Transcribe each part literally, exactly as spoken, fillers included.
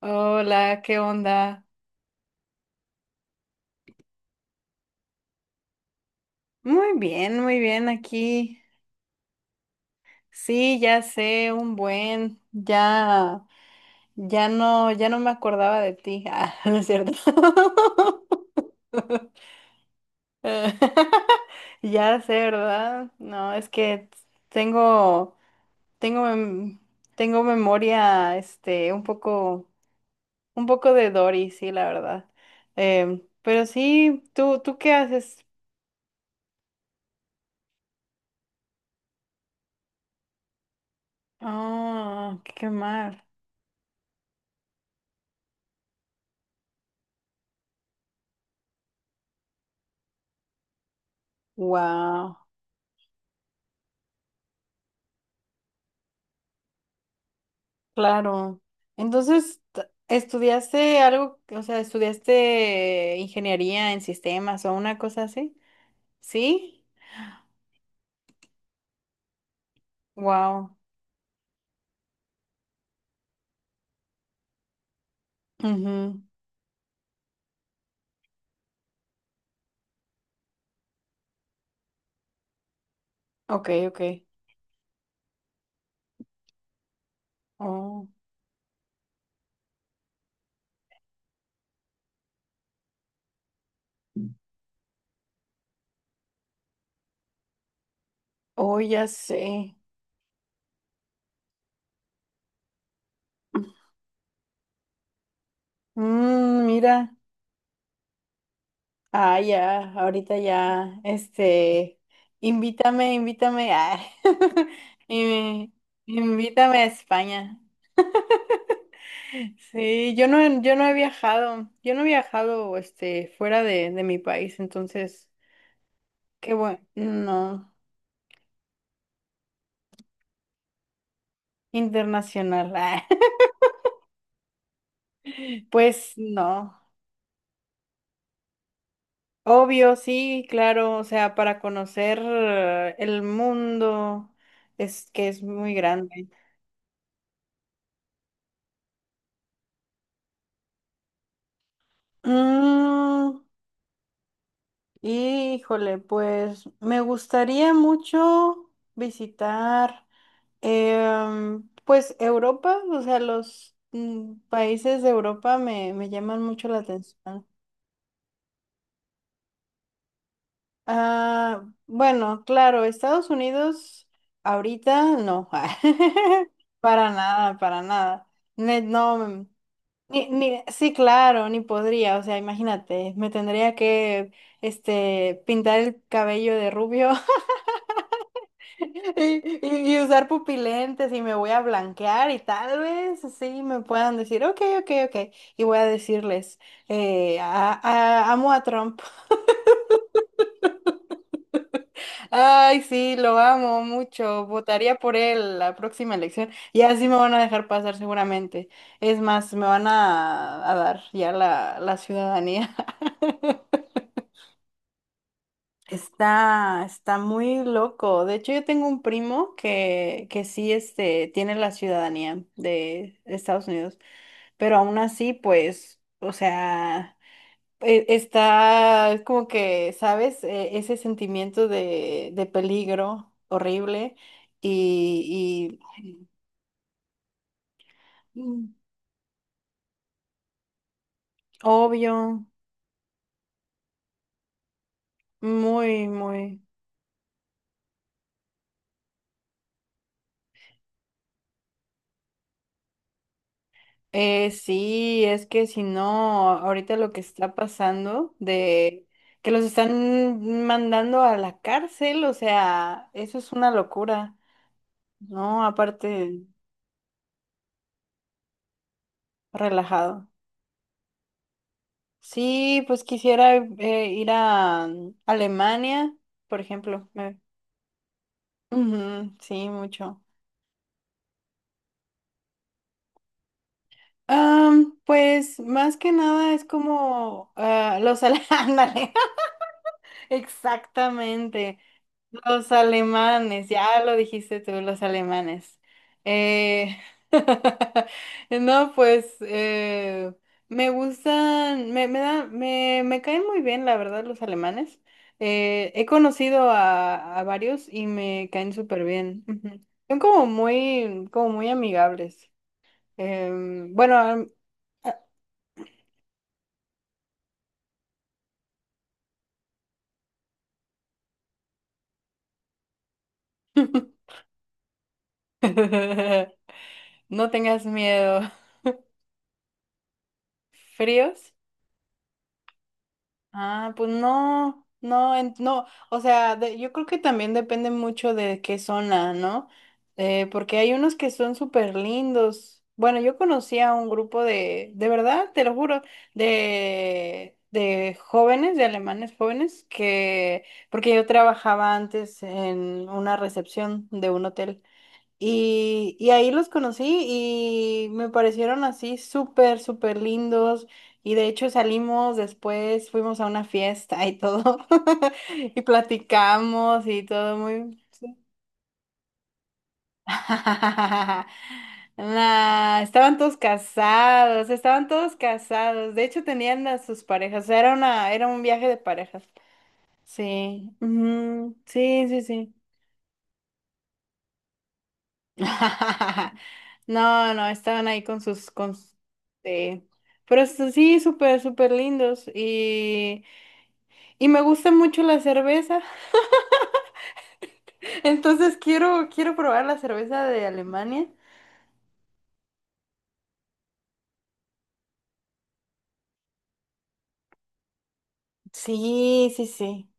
Hola, ¿qué onda? Muy bien, muy bien aquí. Sí, ya sé, un buen, ya, ya no, ya no me acordaba de ti. Ah, no es cierto. Eh, Ya sé, ¿verdad? No, es que tengo, tengo, mem- tengo memoria, este, un poco, un poco de Dory, sí, la verdad. Em, pero sí, ¿tú, tú qué haces? Ah, qué mal. Wow. Claro. Entonces, t- ¿Estudiaste algo, o sea, estudiaste ingeniería en sistemas o una cosa así? ¿Sí? Wow. Ujú. Ok, ok. Oh, oh, ya sé. Mm, mira. Ah, ya, ahorita ya, este, invítame, invítame, ah, y me- Invítame a España. Sí, yo no, yo no he viajado, yo no he viajado, este, fuera de, de mi país, entonces, qué bueno, no, internacional, ah, pues no, obvio, sí, claro, o sea, para conocer eh, el mundo es que es muy grande. Mm, Híjole, pues me gustaría mucho visitar. Em, pues Europa, o sea, los mm, países de Europa me, me llaman mucho la atención. Ah, bueno, claro, Estados Unidos ahorita no, para nada, para nada. Ne- No, mm, ni, ni- sí, claro, ni podría, o sea, imagínate, me tendría que este, pintar el cabello de rubio. Y, y- y usar pupilentes y me voy a blanquear y tal vez así me puedan decir, ok, ok, ok. Y voy a decirles, eh, a- a- amo a Trump. Ay, sí, lo amo mucho. Votaría por él la próxima elección. Y así me van a dejar pasar seguramente. Es más, me van a, a dar ya la, la ciudadanía. Está, está muy loco. De hecho, yo tengo un primo que, que sí, este, tiene la ciudadanía de Estados Unidos. Pero aún así, pues, o sea, e- está como que, ¿sabes? E- Ese sentimiento de, de peligro horrible y, y mm, obvio, muy, muy. Eh, sí, es que si no, ahorita lo que está pasando de que los están mandando a la cárcel, o sea, eso es una locura, ¿no? Aparte, relajado. Sí, pues quisiera eh, ir a mm, Alemania, por ejemplo. me- Ujú, sí, mucho. Am, pues más que nada es como ah, los... ale- Ándale, exactamente. Los alemanes, ya lo dijiste tú, los alemanes. Eh, no, pues eh, me gustan, me, me da- me, me caen muy bien, la verdad, los alemanes. Eh, he conocido a, a varios y me caen súper bien. Ujú. Son como muy, como muy amigables. Em, bueno, am- no tengas miedo. ¿Fríos? Ah, pues no, no, en- no, o sea, de- yo creo que también depende mucho de qué zona, ¿no? Eh, porque hay unos que son súper lindos. Bueno, yo conocí a un grupo de, de verdad, te lo juro, de, de jóvenes, de alemanes jóvenes, que, porque yo trabajaba antes en una recepción de un hotel. Y, y ahí los conocí y me parecieron así súper, súper lindos. Y de hecho salimos después, fuimos a una fiesta y todo. Y platicamos y todo muy... Nah, estaban todos casados, estaban todos casados. De hecho tenían a sus parejas. Era una, era un viaje de parejas. Sí, ujú, sí, sí, sí. No, no, estaban ahí con sus, con, s- eh, pero s- sí, súper, súper lindos y, y me gusta mucho la cerveza, entonces quiero, quiero probar la cerveza de Alemania. Sí, sí, sí.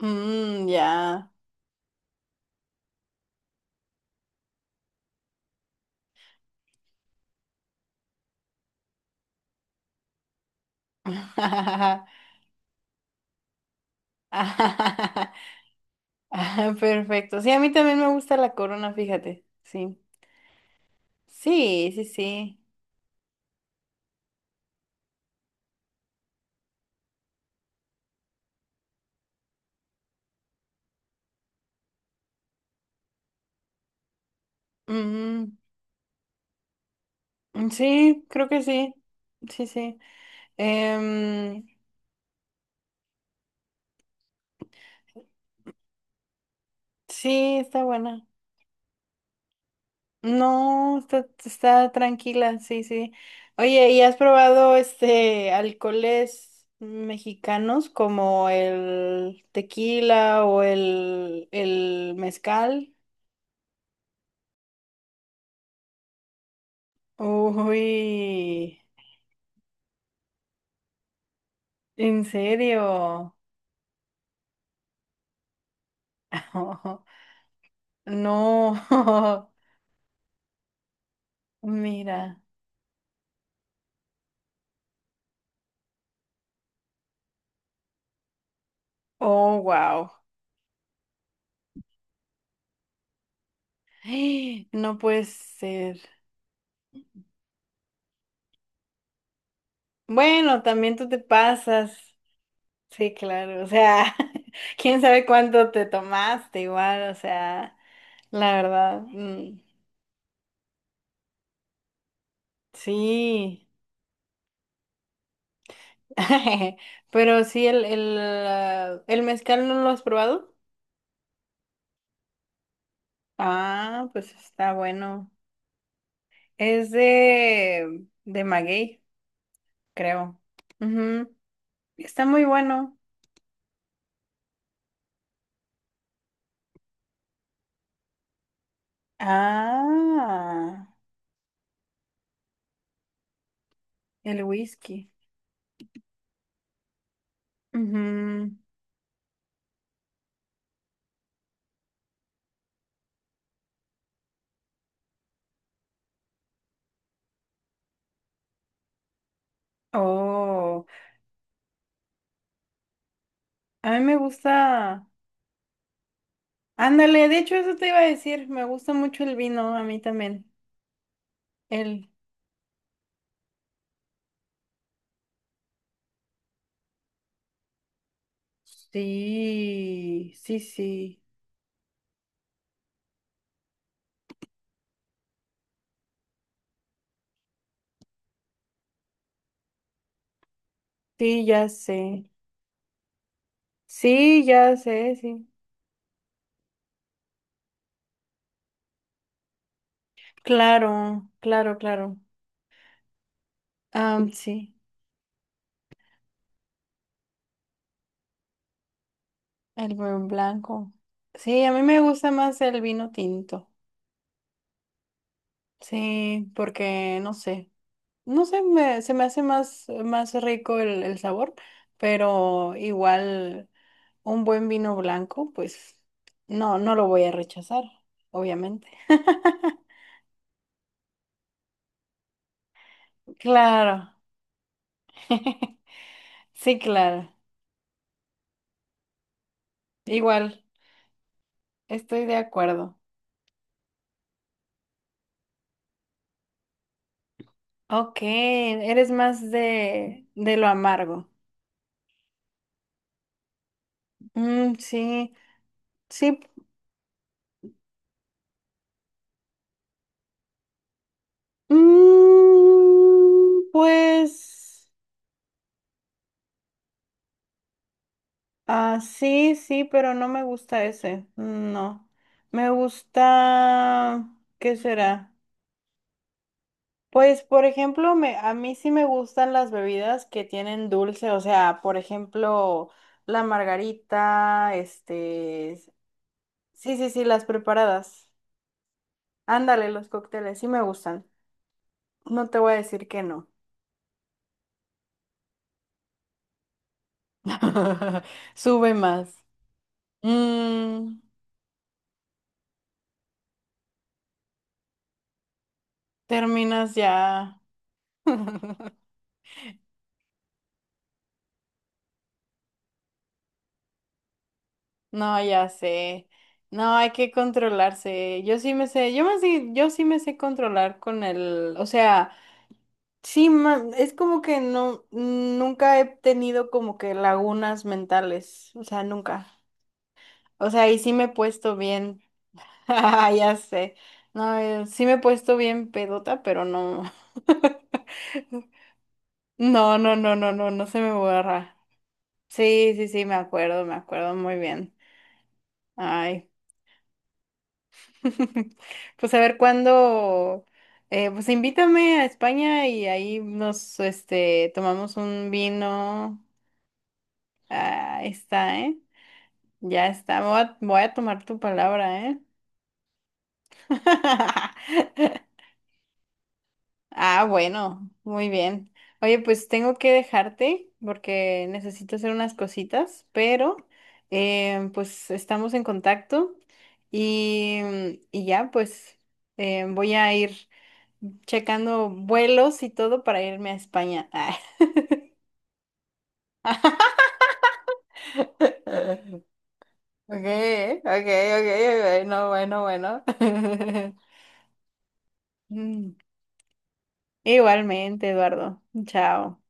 Mm, ya. Ah, perfecto. Sí, a mí también me gusta la corona, fíjate. Sí. Sí, sí, sí. Mm, sí, creo que sí. Sí, sí. Em, Sí, está buena. No, está, está tranquila, sí, sí. Oye, ¿y has probado este alcoholes mexicanos como el tequila o el, el mezcal? Uy, ¿en serio? No, mira. Oh, wow. No puede ser. Bueno, también tú te pasas. Sí, claro, o sea, quién sabe cuánto te tomaste igual, o sea, la verdad, mm, sí, pero sí, el, el, ah, el mezcal no lo has probado. Ah, pues está bueno. Es de, de maguey, creo. Ujú, está muy bueno. Ah, el whisky. Ujú. Oh, a mí me gusta. Ándale, de hecho eso te iba a decir, me gusta mucho el vino, a mí también. El... Sí, sí, sí, sí, ya sé. Sí, ya sé, sí. Claro, claro, claro. Ah, sí, el buen blanco. Sí, a mí me gusta más el vino tinto. Sí, porque no sé. No sé, me- se me hace más, más rico el, el sabor, pero igual un buen vino blanco, pues no, no lo voy a rechazar, obviamente. Claro, sí, claro. Igual, estoy de acuerdo. Ok, eres más de, de lo amargo. Mm, sí, sí. Mm, pues. Ah, sí, sí, pero no me gusta ese. No. Me gusta... ¿Qué será? Pues, por ejemplo, me, a mí sí me gustan las bebidas que tienen dulce, o sea, por ejemplo, la margarita, este... Sí, sí, sí, las preparadas. Ándale, los cócteles, sí me gustan. No te voy a decir que no. Sube más. Mm, terminas ya. No, ya sé. No, hay que controlarse. Yo sí me sé, yo me sí, yo sí me sé controlar con el, o sea, sí, ma- es como que no, nunca he tenido como que lagunas mentales, o sea, nunca. O sea, y sí me he puesto bien, ya sé. No, eh, sí me he puesto bien pedota, pero no. No, no, no, no, no, no se me borra. Sí, sí, sí, me acuerdo, me acuerdo muy bien. Ay. Pues a ver cuándo, eh, pues invítame a España y ahí nos, este, tomamos un vino. Ah, está, ¿eh? Ya está, voy a, voy a tomar tu palabra, ¿eh? Ah, bueno, muy bien. Oye, pues tengo que dejarte porque necesito hacer unas cositas, pero em, pues estamos en contacto y, y ya, pues em, voy a ir checando vuelos y todo para irme a España. Ah. Okay, okay, okay, bueno, bueno, bueno. Mm, Igualmente, Eduardo. Chao.